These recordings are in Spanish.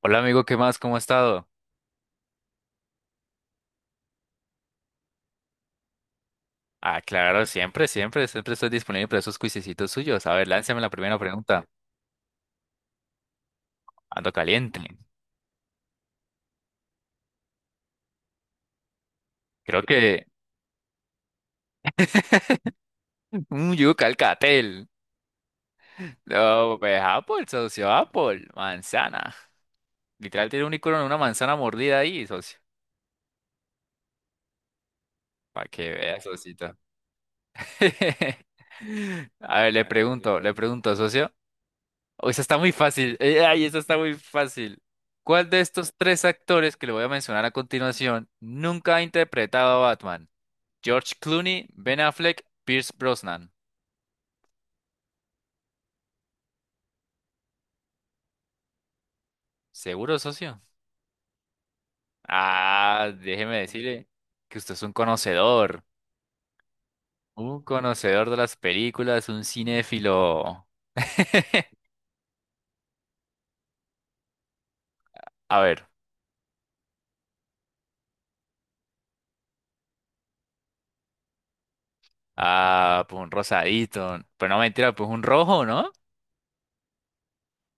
Hola amigo, ¿qué más? ¿Cómo ha estado? Ah, claro, siempre, siempre, siempre estoy disponible para esos cuisecitos suyos. A ver, lánzame la primera pregunta. Ando caliente. Creo que... Un yuca al catel. No, pues Apple, socio, Apple. Manzana. Literal tiene un icono de una manzana mordida ahí, socio. Para que vea, socito. A ver, le pregunto, socio. O esa está muy fácil. Ay, esa está muy fácil. ¿Cuál de estos tres actores que le voy a mencionar a continuación nunca ha interpretado a Batman? George Clooney, Ben Affleck, Pierce Brosnan. ¿Seguro, socio? Ah, déjeme decirle que usted es un conocedor. Un conocedor de las películas, un cinéfilo. A ver. Ah, pues un rosadito. Pero no mentira, pues un rojo, ¿no?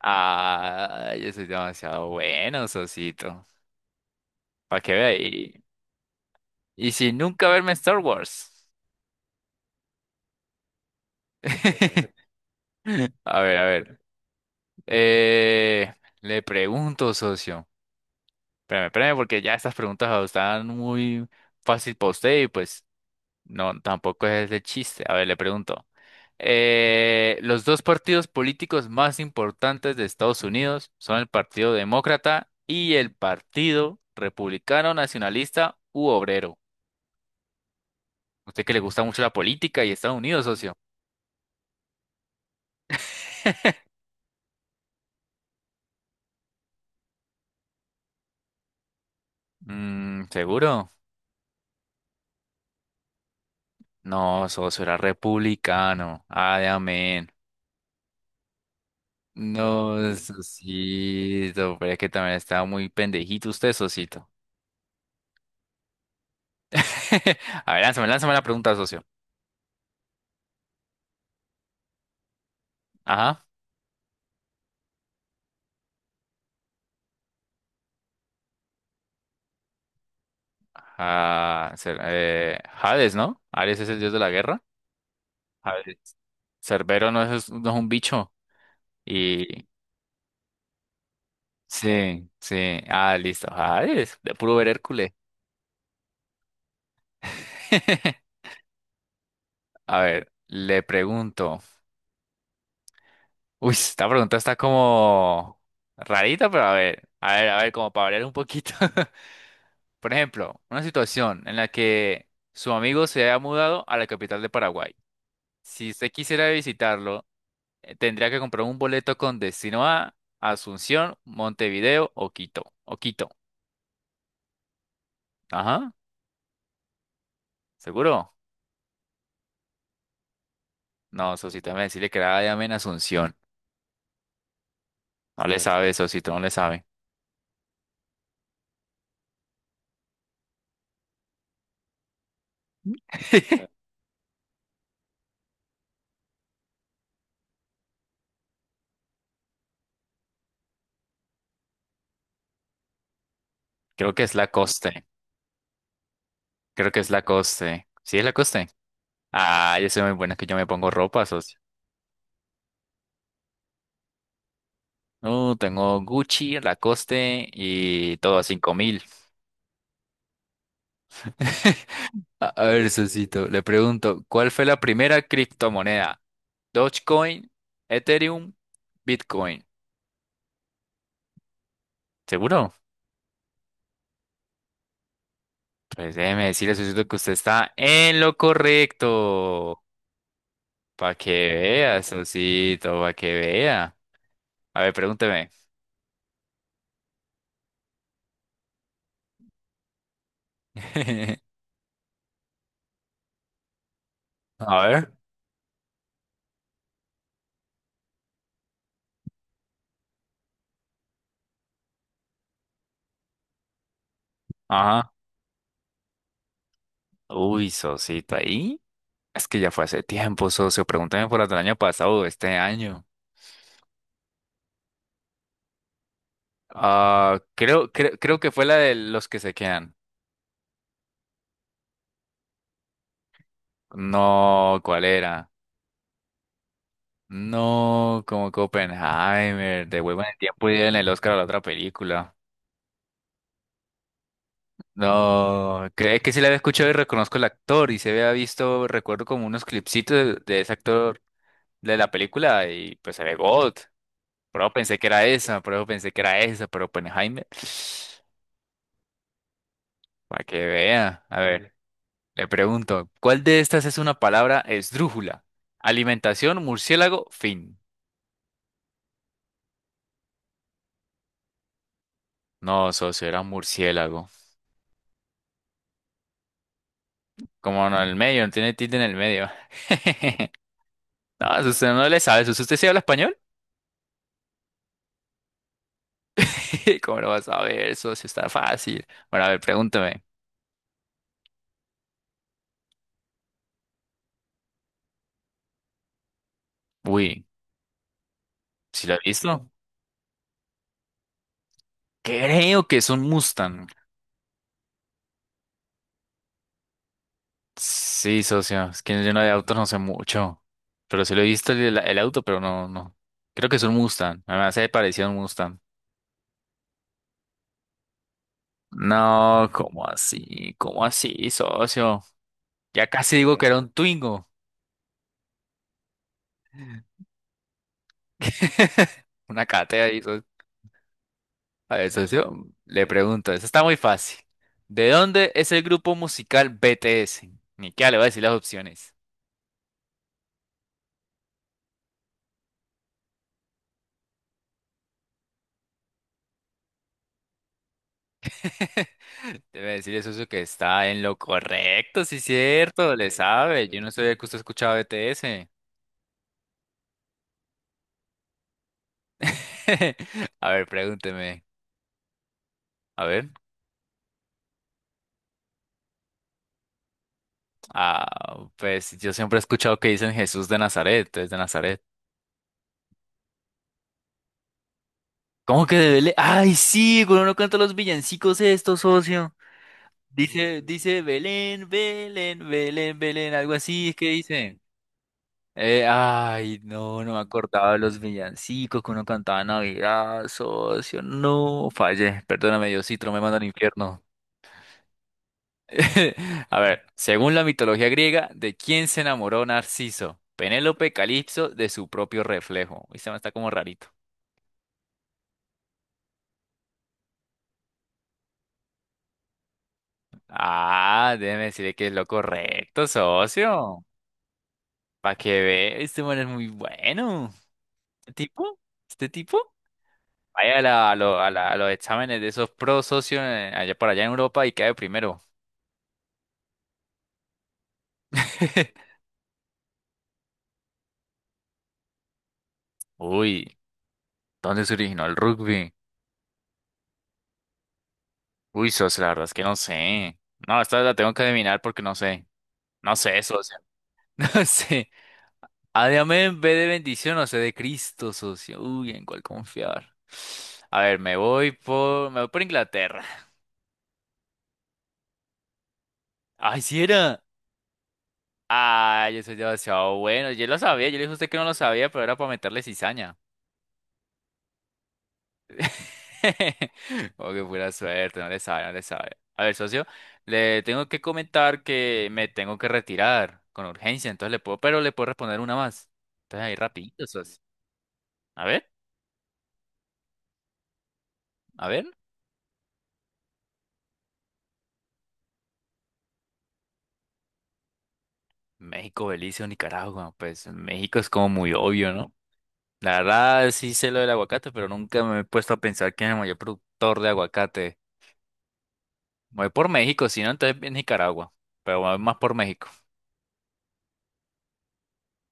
Ah, yo soy demasiado bueno, socito. Para que vea. Y sin nunca verme en Star Wars. A ver, a ver. Eh, le pregunto, socio. Espérame, espérame, porque ya estas preguntas están muy fácil para usted y pues no, tampoco es de chiste. A ver, le pregunto. Los dos partidos políticos más importantes de Estados Unidos son el Partido Demócrata y el Partido Republicano Nacionalista u Obrero. Usted que le gusta mucho la política y Estados Unidos, socio. Mm, ¿seguro? No, socio, era republicano. Ay, amén. No, socito, pero es que también estaba muy pendejito usted, socito. A ver, lánzame, lánzame la pregunta, socio. Ajá. Ah, Hades, ¿no? Ares es el dios de la guerra. Hades. Cerbero no es, no es un bicho. Y. Sí, sí. Ah, listo. Hades, de puro ver Hércules. A ver, le pregunto. Uy, esta pregunta está como rarita, pero a ver, a ver, a ver, como para variar un poquito. Por ejemplo, una situación en la que su amigo se haya mudado a la capital de Paraguay. Si usted quisiera visitarlo, tendría que comprar un boleto con destino a Asunción, Montevideo o Quito. O Quito. Ajá, ¿seguro? No, Sosito, déjame decirle que era llame en Asunción. No le sabe, Sosito, no le sabe. Creo que es la coste. Creo que es la coste. ¿Sí es la coste? Ah, yo soy muy buena, es que yo me pongo ropa, socio. No, tengo Gucci, Lacoste y todo a 5.000. A ver, socito, le pregunto, ¿cuál fue la primera criptomoneda? Dogecoin, Ethereum, Bitcoin. ¿Seguro? Pues déjeme decirle, socito, que usted está en lo correcto. Para que vea, socito, para que vea. A ver, pregúnteme. A ver. Ajá. Uy, socito, ahí. Es que ya fue hace tiempo, socio. Pregúntame por la del año pasado o este año. Ah, creo, creo, creo que fue la de los que se quedan. No, ¿cuál era? No, como Oppenheimer, Devuelvan el tiempo y en el Oscar a la otra película. No, creo que sí la había escuchado y reconozco el actor y se había visto, recuerdo como unos clipsitos de ese actor de la película y pues se ve God. Pero pensé que era esa, pero pensé que era esa, pero Oppenheimer. Para que vea. A ver. Le pregunto, ¿cuál de estas es una palabra esdrújula? Alimentación, murciélago, fin. No, socio, era un murciélago. Como no, en el medio, no tiene tilde en el medio. No, eso usted no le sabe, socio. ¿Usted sí habla español? ¿Cómo lo vas a ver, socio? Está fácil. Bueno, a ver, pregúntame. Uy, ¿sí lo he visto? Creo que es un Mustang. Sí, socio, es que yo no de autos no sé mucho. Pero sí lo he visto el auto, pero no, no. Creo que es un Mustang. Me hace parecido a un Mustang. No, ¿cómo así? ¿Cómo así, socio? Ya casi digo que era un Twingo. Una cátedra ahí, socio. A ver, socio, le pregunto, eso está muy fácil. ¿De dónde es el grupo musical BTS? Ni qué le voy a decir las opciones. Debe decirle, socio, que está en lo correcto, sí, cierto, le sabe. Yo no sabía que usted escuchaba BTS. A ver, pregúnteme. A ver. Ah, pues yo siempre he escuchado que dicen Jesús de Nazaret, es de Nazaret. ¿Cómo que de Belén? Ay, sí, cuando uno canta los villancicos estos, socio. Dice, dice Belén, Belén, Belén, Belén, algo así es que dice. Ay, no, no me acordaba de los villancicos que uno cantaba en Navidad, socio. No, fallé. Perdóname, Diosito, no me manda al infierno. A ver, según la mitología griega, ¿de quién se enamoró Narciso? Penélope Calipso de su propio reflejo. Uy, se me está como rarito. Ah, déjeme decirle que es lo correcto, socio. Para que ve, este man es muy bueno. ¿Este tipo? ¿Este tipo? Vaya a, a los exámenes de esos pro socios allá por allá en Europa y cae primero. Uy, ¿dónde se originó el rugby? Uy, socio, la verdad es que no sé. No, esta la tengo que adivinar porque no sé. No sé, socio. No sé. A de amén en de bendición, o sea de Cristo, socio. Uy, ¿en cuál confiar? A ver, me voy por Inglaterra. Ay, si era. Ay, yo soy demasiado bueno. Yo lo sabía, yo le dije a usted que no lo sabía, pero era para meterle cizaña. Oh, qué pura suerte, no le sabe, no le sabe. A ver, socio, le tengo que comentar que me tengo que retirar con urgencia, entonces le puedo, pero le puedo responder una más. Entonces ahí rapidito, socio. A ver, a ver. México, Belice o Nicaragua. Pues México es como muy obvio, ¿no? La verdad sí sé lo del aguacate, pero nunca me he puesto a pensar quién es el mayor productor de aguacate. Voy por México, si no, entonces Nicaragua. Pero voy más por México.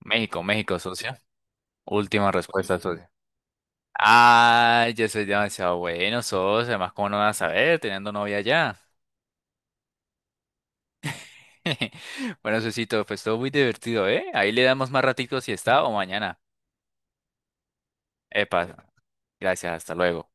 México, México, socio. Última respuesta, socio. Ay, yo soy demasiado bueno, socio. Además, cómo no vas a saber teniendo novia ya. Bueno, socito, pues todo muy divertido, ¿eh? Ahí le damos más ratitos si está o mañana. Epa, gracias, hasta luego.